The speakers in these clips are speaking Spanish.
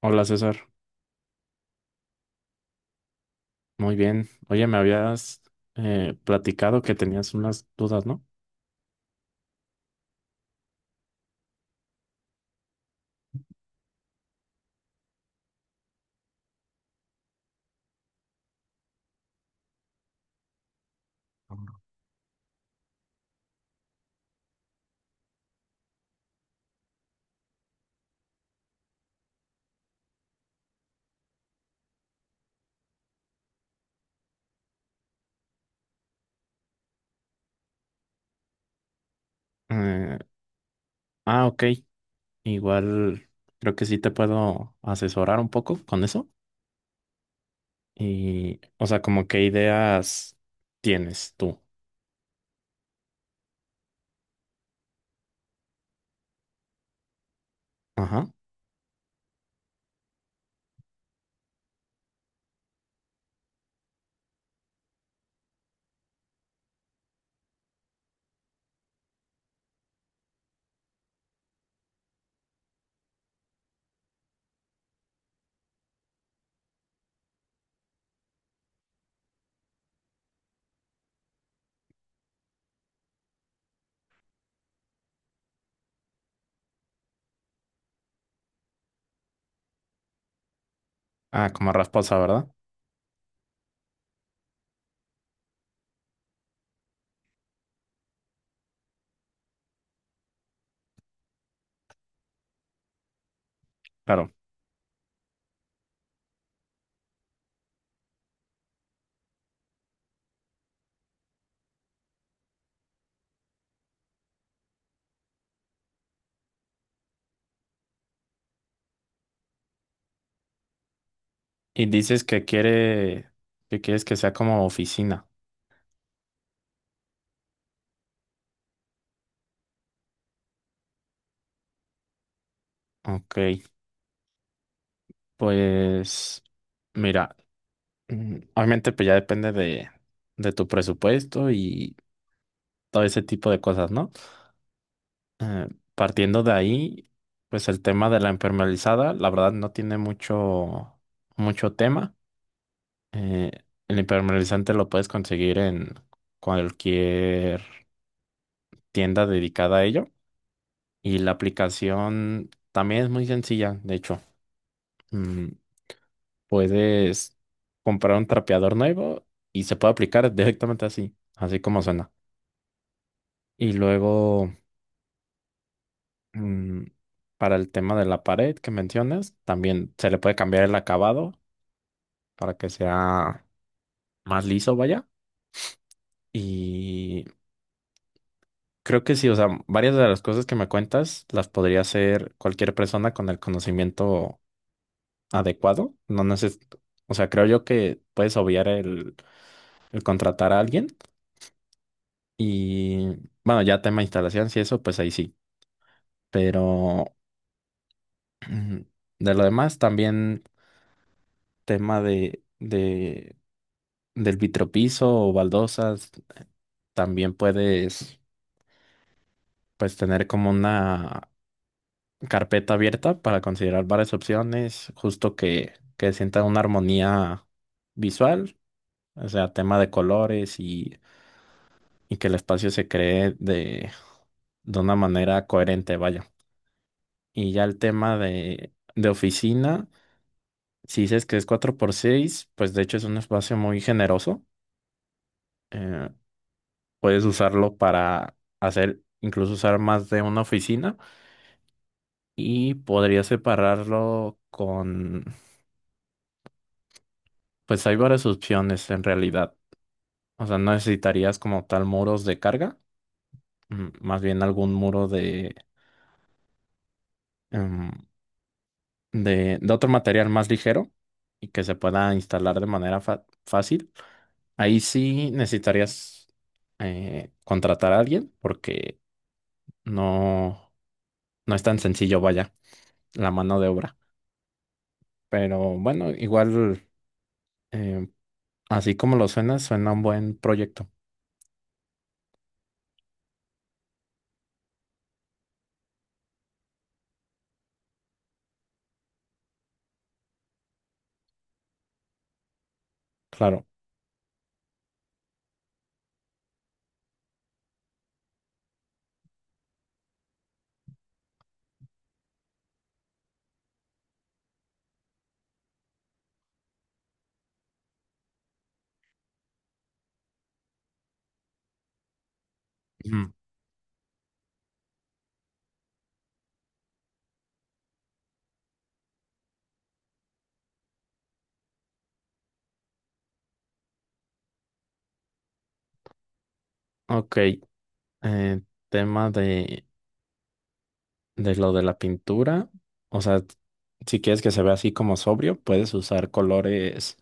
Hola César, muy bien. Oye, me habías platicado que tenías unas dudas, ¿no? Eh, ok. Igual creo que sí te puedo asesorar un poco con eso. Y, o sea, como qué ideas tienes tú. Ajá. Ah, como rasposa, ¿verdad? Claro. Y que quieres que sea como oficina. Ok, pues mira, obviamente pues ya depende de tu presupuesto y todo ese tipo de cosas, ¿no? Eh, Partiendo de ahí, pues el tema de la impermeabilizada, la verdad no tiene mucho tema. Eh, el impermeabilizante lo puedes conseguir en cualquier tienda dedicada a ello. Y la aplicación también es muy sencilla, de hecho. Mm, Puedes comprar un trapeador nuevo y se puede aplicar directamente así, así como suena. Y luego... Mm, Para el tema de la pared que mencionas, también se le puede cambiar el acabado para que sea más liso, vaya. Y creo que sí, o sea, varias de las cosas que me cuentas las podría hacer cualquier persona con el conocimiento adecuado. No neces- O sea, creo yo que puedes obviar el contratar a alguien. Y bueno, ya tema instalación, si eso, pues ahí sí. Pero de lo demás, también tema de del vitropiso o baldosas, también puedes pues tener como una carpeta abierta para considerar varias opciones, justo que sienta una armonía visual, o sea, tema de colores y que el espacio se cree de una manera coherente, vaya. Y ya el tema de oficina, si dices que es 4 por 6 pues de hecho es un espacio muy generoso. eh, Puedes usarlo para hacer, incluso usar más de una oficina. Y podría separarlo pues hay varias opciones en realidad. O sea, no necesitarías como tal muros de carga, más bien algún muro de, em, de otro material más ligero y que se pueda instalar de manera fácil. Ahí sí necesitarías contratar a alguien porque no, no es tan sencillo, vaya, la mano de obra. Pero bueno, igual, em, así como lo suena, suena un buen proyecto. Claro. Ujú. Ok, eh, tema de lo de la pintura. O sea, si quieres que se vea así como sobrio, puedes usar colores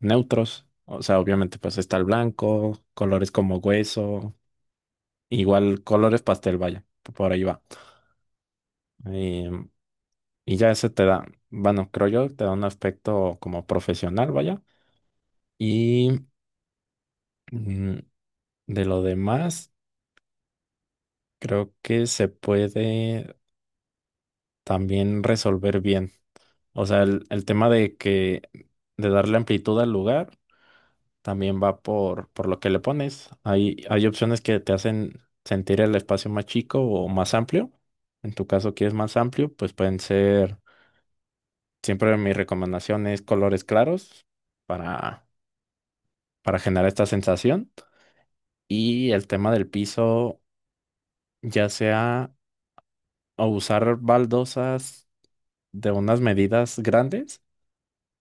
neutros. O sea, obviamente pues está el blanco, colores como hueso, igual colores pastel, vaya, por ahí va. Em, y ya ese bueno, creo yo, te da un aspecto como profesional, vaya. Y mm, de lo demás, creo que se puede también resolver bien. O sea, el tema de que de darle amplitud al lugar también va por lo que le pones. Hay opciones que te hacen sentir el espacio más chico o más amplio. En tu caso, quieres más amplio, pues pueden ser, siempre mi recomendación es colores claros para, para generar esta sensación. Y el tema del piso, ya sea o usar baldosas de unas medidas grandes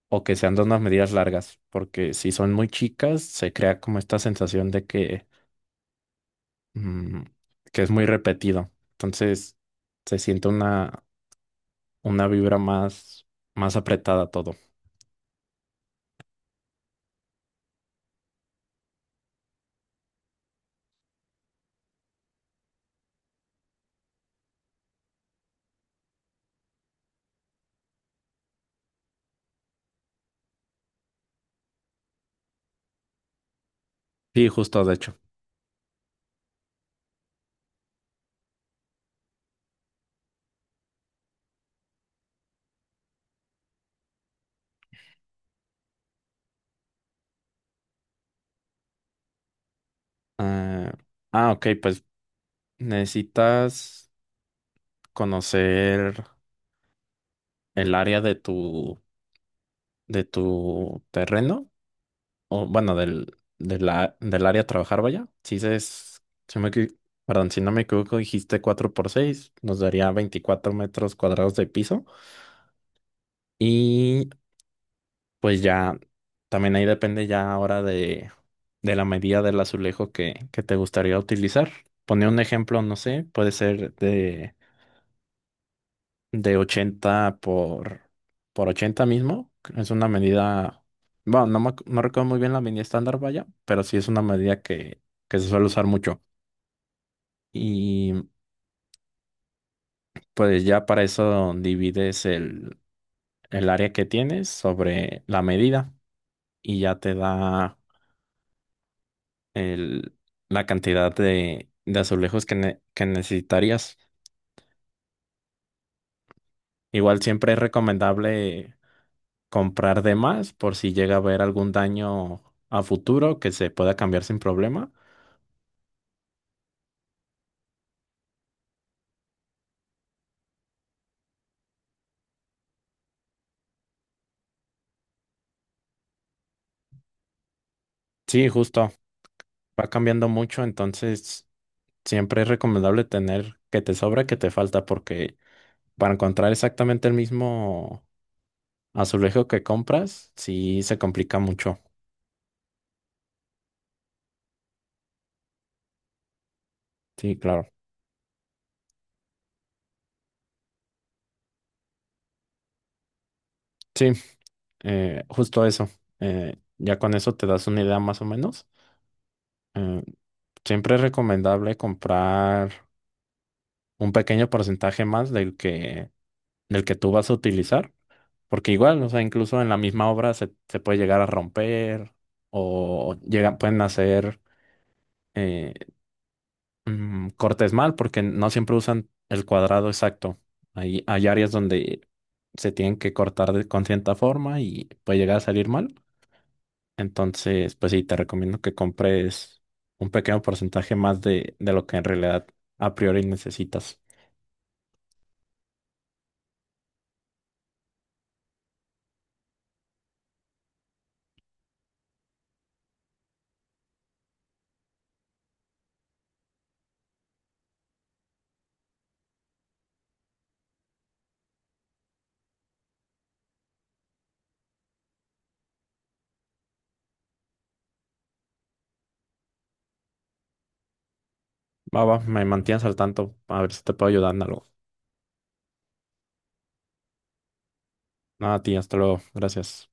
o que sean de unas medidas largas, porque si son muy chicas, se crea como esta sensación de que, mm, que es muy repetido. Entonces, se siente una vibra más, más apretada todo. Sí, justo, de hecho. ah, ok, pues necesitas conocer el área de tu terreno. O bueno, del, del área a trabajar, vaya. Si se es, si me, equi- Perdón, si no me equivoco, dijiste 4 por 6 nos daría 24 metros cuadrados de piso. Y pues ya, también ahí depende ya ahora de la medida del azulejo que te gustaría utilizar. Pone un ejemplo, no sé, puede ser de 80 por 80 mismo. Es una medida, bueno, no, no recuerdo muy bien la medida estándar, vaya, pero sí es una medida que se suele usar mucho. Y pues ya para eso divides el área que tienes sobre la medida y ya te da el, la cantidad de azulejos que, que necesitarías. Igual siempre es recomendable comprar de más por si llega a haber algún daño a futuro que se pueda cambiar sin problema. Sí, justo, va cambiando mucho, entonces siempre es recomendable tener que te sobra, que te falta, porque para encontrar exactamente el mismo azulejo que compras, sí se complica mucho. Sí, claro. Sí, justo eso. Ya con eso te das una idea más o menos. Eh, Siempre es recomendable comprar un pequeño porcentaje más del que tú vas a utilizar, porque igual, o sea, incluso en la misma obra se puede llegar a romper o llegan, pueden hacer eh, cortes mal porque no siempre usan el cuadrado exacto. Hay áreas donde se tienen que con cierta forma y puede llegar a salir mal. Entonces, pues sí, te recomiendo que compres un pequeño porcentaje más de lo que en realidad a priori necesitas. Va, va, me mantienes al tanto, a ver si te puedo ayudar en algo. Nada, a ti, hasta luego. Gracias.